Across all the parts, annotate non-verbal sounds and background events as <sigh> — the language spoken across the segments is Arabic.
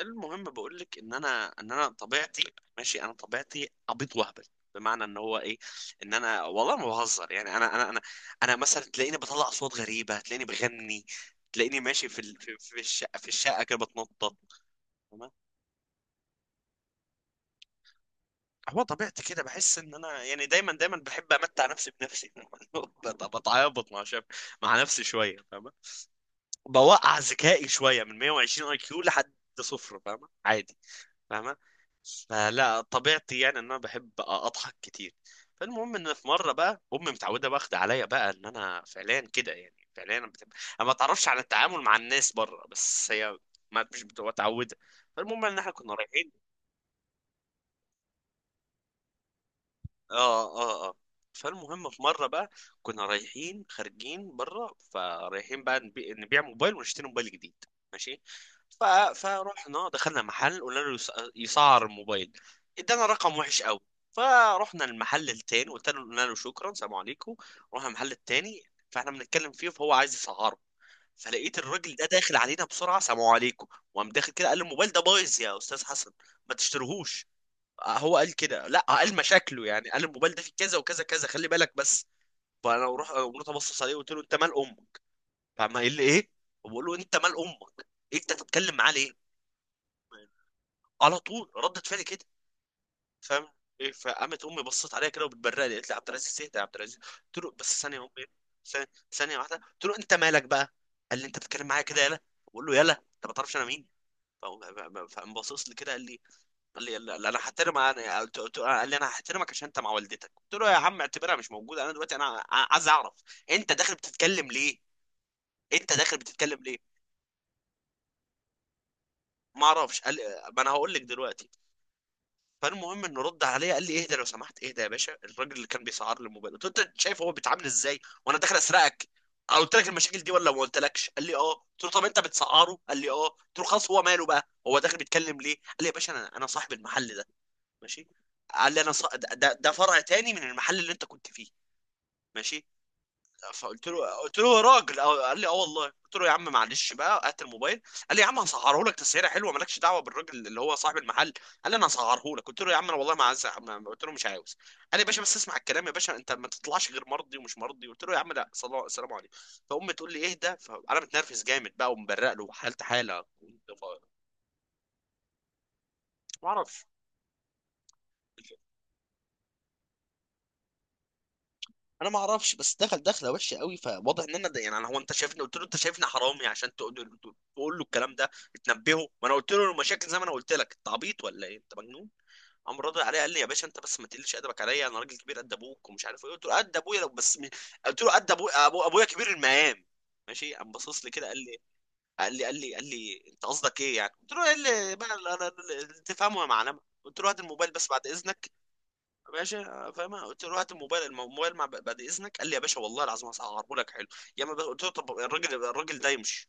المهم بقول لك ان انا طبيعتي. ماشي، انا طبيعتي عبيط وهبل، بمعنى ان هو ايه، ان انا والله ما بهزر. يعني انا مثلا تلاقيني بطلع اصوات غريبه، تلاقيني بغني، تلاقيني ماشي في الشقه، كده بتنطط، تمام؟ هو طبيعتي كده، بحس ان انا يعني دايما دايما بحب امتع نفسي بنفسي <laughs> بتعابط مع شاب، مع نفسي شويه، فاهمه؟ بوقع ذكائي شويه من 120 اي كيو لحد صفر، فاهمه؟ عادي. فاهمة. فلا طبيعتي يعني ان انا بحب اضحك كتير. فالمهم، ان في مره بقى، امي متعوده واخده عليا بقى ان انا فعليا كده، يعني فعليا انا ما اتعرفش على التعامل مع الناس بره، بس هي ما مش بتبقى متعوده. فالمهم ان احنا كنا رايحين. اه، اه، اه. فالمهم في مره بقى، كنا رايحين خارجين بره، فرايحين بقى نبيع موبايل ونشتري موبايل جديد. ماشي. ف... فرحنا دخلنا محل قلنا له يسعر الموبايل. ادانا رقم وحش قوي. فرحنا المحل التاني، قلت له قلنا له شكرا، سلام عليكم. رحنا المحل التاني. فاحنا بنتكلم فيه فهو عايز يسعره. فلقيت الراجل ده داخل علينا بسرعه، سلام عليكم. وقام داخل كده، قال لي الموبايل ده بايظ يا استاذ حسن، ما تشتريهوش. هو قال كده، لا قال مشاكله، يعني قال الموبايل ده فيه كذا وكذا كذا، خلي بالك بس. فانا روح قمت ابصص عليه وقلت له انت مال امك. فما قال لي ايه، وبقول له انت مال امك، إيه انت تتكلم معاه ليه؟ على طول ردت فعلي كده. فاهم؟ ايه. فقامت امي بصت عليا كده وبتبرق لي، قالت لي عبد العزيز اهدى يا عبد العزيز. قلت له بس ثانيه يا امي، ثانيه ثانية واحده. قلت له انت مالك بقى؟ قال لي انت بتتكلم معايا كده، يلا. بقول له يلا، انت ما تعرفش انا مين. فقام بصص لي كده قال لي، لا لا، انا هحترم، انا قلت قلت قال لي انا هحترمك عشان انت مع والدتك. قلت له يا عم اعتبرها مش موجوده، انا دلوقتي انا عايز اعرف انت داخل بتتكلم ليه، انت داخل بتتكلم ليه. ما اعرفش قال. ما انا هقول لك دلوقتي. فالمهم انه رد عليا قال لي اهدى لو سمحت، اهدى يا باشا. الراجل اللي كان بيسعر لي الموبايل، قلت له انت شايف هو بيتعامل ازاي؟ وانا داخل اسرقك؟ أنا قلت لك المشاكل دي ولا ما قلتلكش؟ قال لي اه. قلت له طب انت بتسعره؟ قال لي اه. قلت له خلاص، هو ماله بقى؟ هو داخل بيتكلم ليه؟ قال لي يا باشا انا صاحب المحل ده. ماشي. قال لي ده فرع تاني من المحل اللي انت كنت فيه. ماشي. فقلت له قلت له يا راجل، قال لي اه والله. قلت له يا عم معلش بقى، هات الموبايل. قال لي يا عم هسعره لك تسعيره حلوه، مالكش دعوه بالراجل اللي هو صاحب المحل. قال لي انا هسعره لك. قلت له يا عم انا والله ما عايز قلت له مش عاوز. قال لي يا باشا بس اسمع الكلام يا باشا، انت ما تطلعش غير مرضي ومش مرضي. قلت له يا عم لا، السلام عليكم. فامي تقول لي اهدى، فانا متنرفز جامد بقى ومبرق له حالتي حاله. ما اعرفش. بس دخل دخله وحشه قوي، فواضح ان انا ده يعني، هو انت شايفني؟ قلت له انت شايفني حرامي عشان تقول له، الكلام ده؟ تنبهه؟ ما انا قلت له المشاكل زي ما انا قلت لك. انت عبيط ولا ايه؟ انت مجنون؟ قام راضي عليا قال لي يا باشا انت بس ما تقلش ادبك عليا، انا راجل كبير قد ابوك ومش عارف ايه. قلت له قد ابويا لو بس قلت له قد ابويا ابويا كبير المقام. ماشي. قام باصص لي كده، قال لي انت قصدك ايه يعني؟ قلت له ايه اللي بقى اللي اللي تفهمه يا معلمه؟ قلت له هات الموبايل بس بعد اذنك يا باشا، فاهم؟ قلت له هات الموبايل مع بعد اذنك. قال لي يا باشا والله العظيم هسعره لك حلو. يا ما قلت له طب الراجل ده يمشي.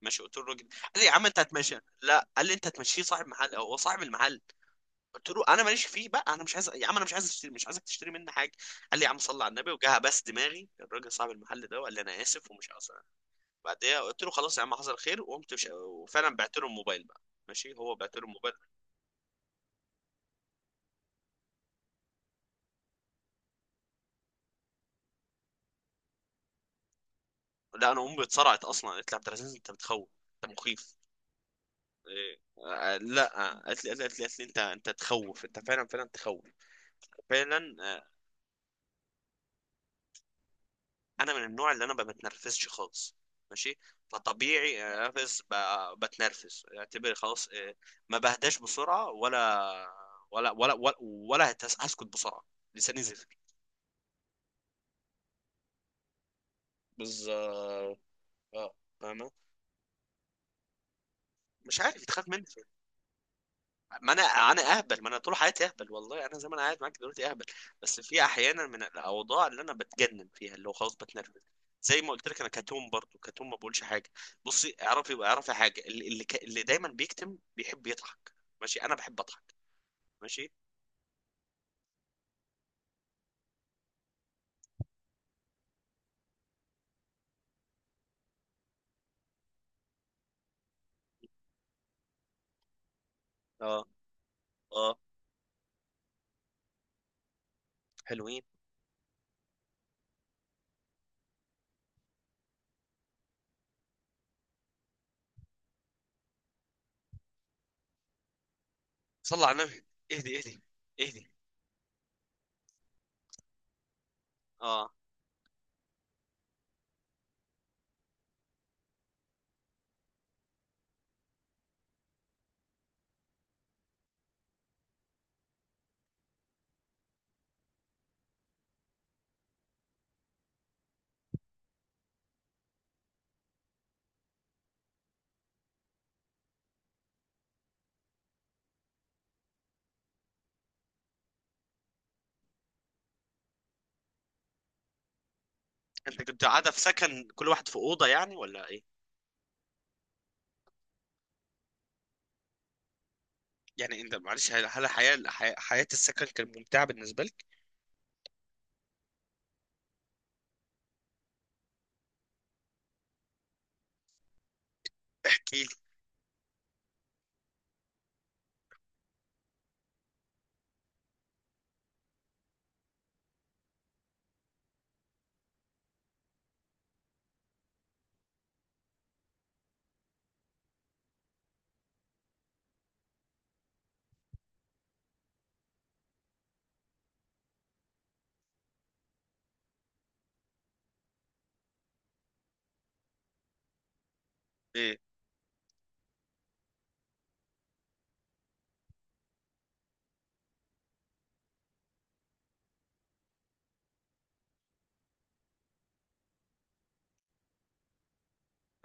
ماشي. قلت له الراجل. قال لي يا عم انت هتمشي؟ لا قال لي انت هتمشيه؟ صاحب محل، هو صاحب المحل. قلت له انا ماليش فيه بقى، انا مش عايز يا عم، انا مش عايز اشتري، مش عايزك تشتري مني حاجه. قال لي يا عم صلي على النبي، وجه بس دماغي الراجل صاحب المحل ده وقال لي انا اسف ومش قصدي. بعدها قلت له خلاص يا عم، حصل خير. وقمت مش... وفعلا بعت له الموبايل بقى. ماشي، هو بعت له الموبايل. لا انا امي اتصرعت اصلا، قالت لي عبد العزيز انت بتخوف، انت مخيف. إيه. آه، لا آه، قالت لي انت تخوف، انت فعلا فعلا تخوف. فعلا، آه. انا من النوع اللي انا ما بتنرفزش خالص. ماشي. فطبيعي آه، انرفز، بتنرفز اعتبر خلاص، آه. ما بهداش بسرعه، ولا هسكت بسرعه. لساني زفر. بالظبط. اه، فاهمه؟ مش عارف، تخاف مني. ما انا اهبل، ما انا طول حياتي اهبل. والله انا زي ما انا قاعد معاك دلوقتي اهبل. بس في احيانا من الاوضاع اللي انا بتجنن فيها، اللي هو خلاص بتنرفز. زي ما قلت لك، انا كتوم برضو كتوم، ما بقولش حاجه. بصي، اعرفي حاجه، اللي اللي دايما بيكتم بيحب يضحك. ماشي، انا بحب اضحك. ماشي. اه، اه، حلوين. صلى على النبي، اهدي اهدي اهدي. اه. انت كنت قاعده في سكن كل واحد في اوضه يعني ولا ايه؟ يعني انت معلش، هل حياه السكن كانت ممتعه بالنسبه لك؟ احكي لي. ايه.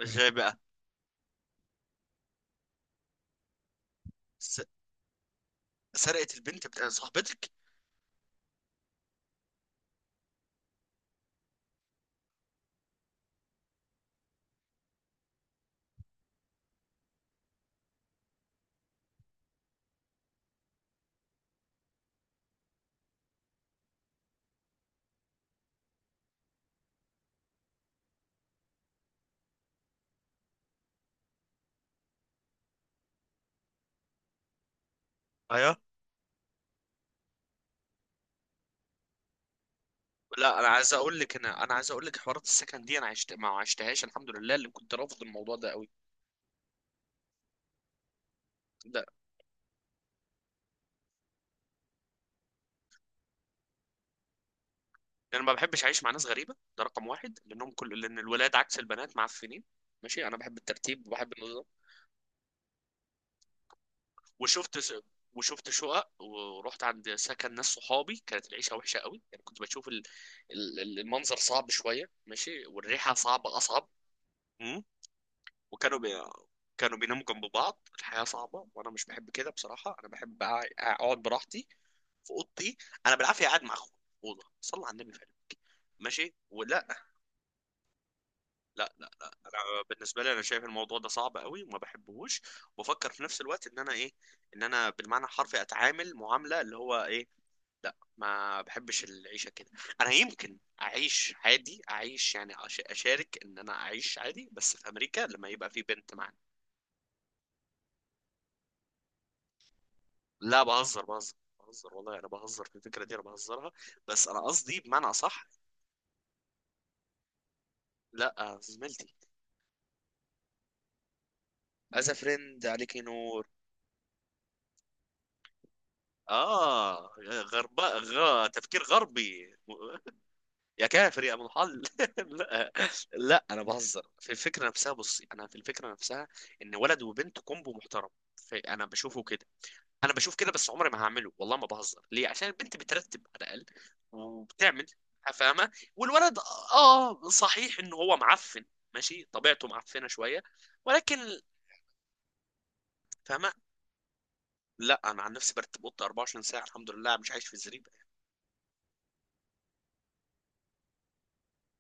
ازاي بقى؟ سرقت البنت بتاع صاحبتك. ايوه. لا انا عايز اقول لك حوارات السكن دي انا عشت ما عشتهاش، الحمد لله، اللي كنت رافض الموضوع ده قوي. ده انا ما بحبش اعيش مع ناس غريبه، ده رقم واحد، لانهم كل، لان الولاد عكس البنات معفنين. ماشي، انا بحب الترتيب وبحب النظام. وشفت س... وشفت شقق ورحت عند سكن ناس صحابي، كانت العيشه وحشه قوي. يعني كنت بشوف المنظر صعب شويه ماشي، والريحه صعبه اصعب. وكانوا بي... كانوا بيناموا جنب بعض، الحياة صعبة وانا مش بحب كده بصراحة. انا بحب اقعد براحتي في اوضتي. انا بالعافية قاعد مع اخويا في اوضة، صلى على النبي فعلا. ماشي ولا لا. لا لا، انا بالنسبة لي انا شايف الموضوع ده صعب قوي وما بحبهوش. وبفكر في نفس الوقت ان انا ايه، ان انا بالمعنى الحرفي اتعامل معاملة اللي هو ايه. لا، ما بحبش العيشة كده. انا يمكن اعيش عادي، اعيش يعني اشارك، ان انا اعيش عادي بس في امريكا لما يبقى في بنت معايا. لا بهزر، بهزر والله، انا بهزر في الفكره دي، انا بهزرها. بس انا قصدي بمعنى صح. لا زميلتي، از فريند عليك نور. اه، غرباء، تفكير غربي. <laughs> يا كافر يا ابو الحل. <laughs> لا. لا انا بهزر في الفكره نفسها، بصي انا في الفكره نفسها، ان ولد وبنت كومبو محترم. انا بشوفه كده. انا بشوف كده. بس عمري ما هعمله، والله ما بهزر ليه، عشان البنت بترتب على الاقل وبتعمل، فاهمه؟ والولد اه صحيح ان هو معفن، ماشي طبيعته معفنه شويه، ولكن. فاهمه؟ لا انا عن نفسي برتب اوضتي 24 ساعه، الحمد لله مش عايش في الزريبه.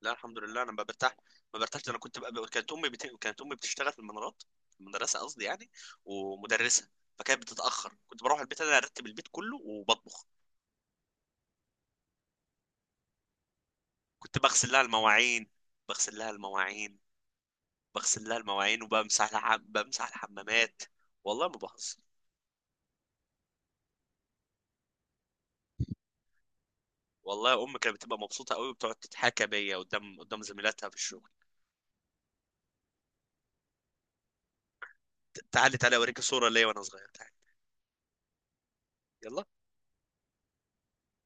لا الحمد لله انا ما برتاح، ما برتاحش. ده انا كنت بقى، كانت امي بتشتغل في المنارات، في المدرسه قصدي يعني، ومدرسه. فكانت بتتاخر، كنت بروح البيت انا ارتب البيت كله وبطبخ. كنت بغسل لها المواعين، بغسل لها المواعين وبمسح لها، بمسح الحمامات. والله ما بهزر. والله امي كانت بتبقى مبسوطه قوي، وبتقعد تتحكى بيا قدام زميلاتها في الشغل. تعالي تعالي اوريك صوره ليا وانا صغير، تعالي، يلا.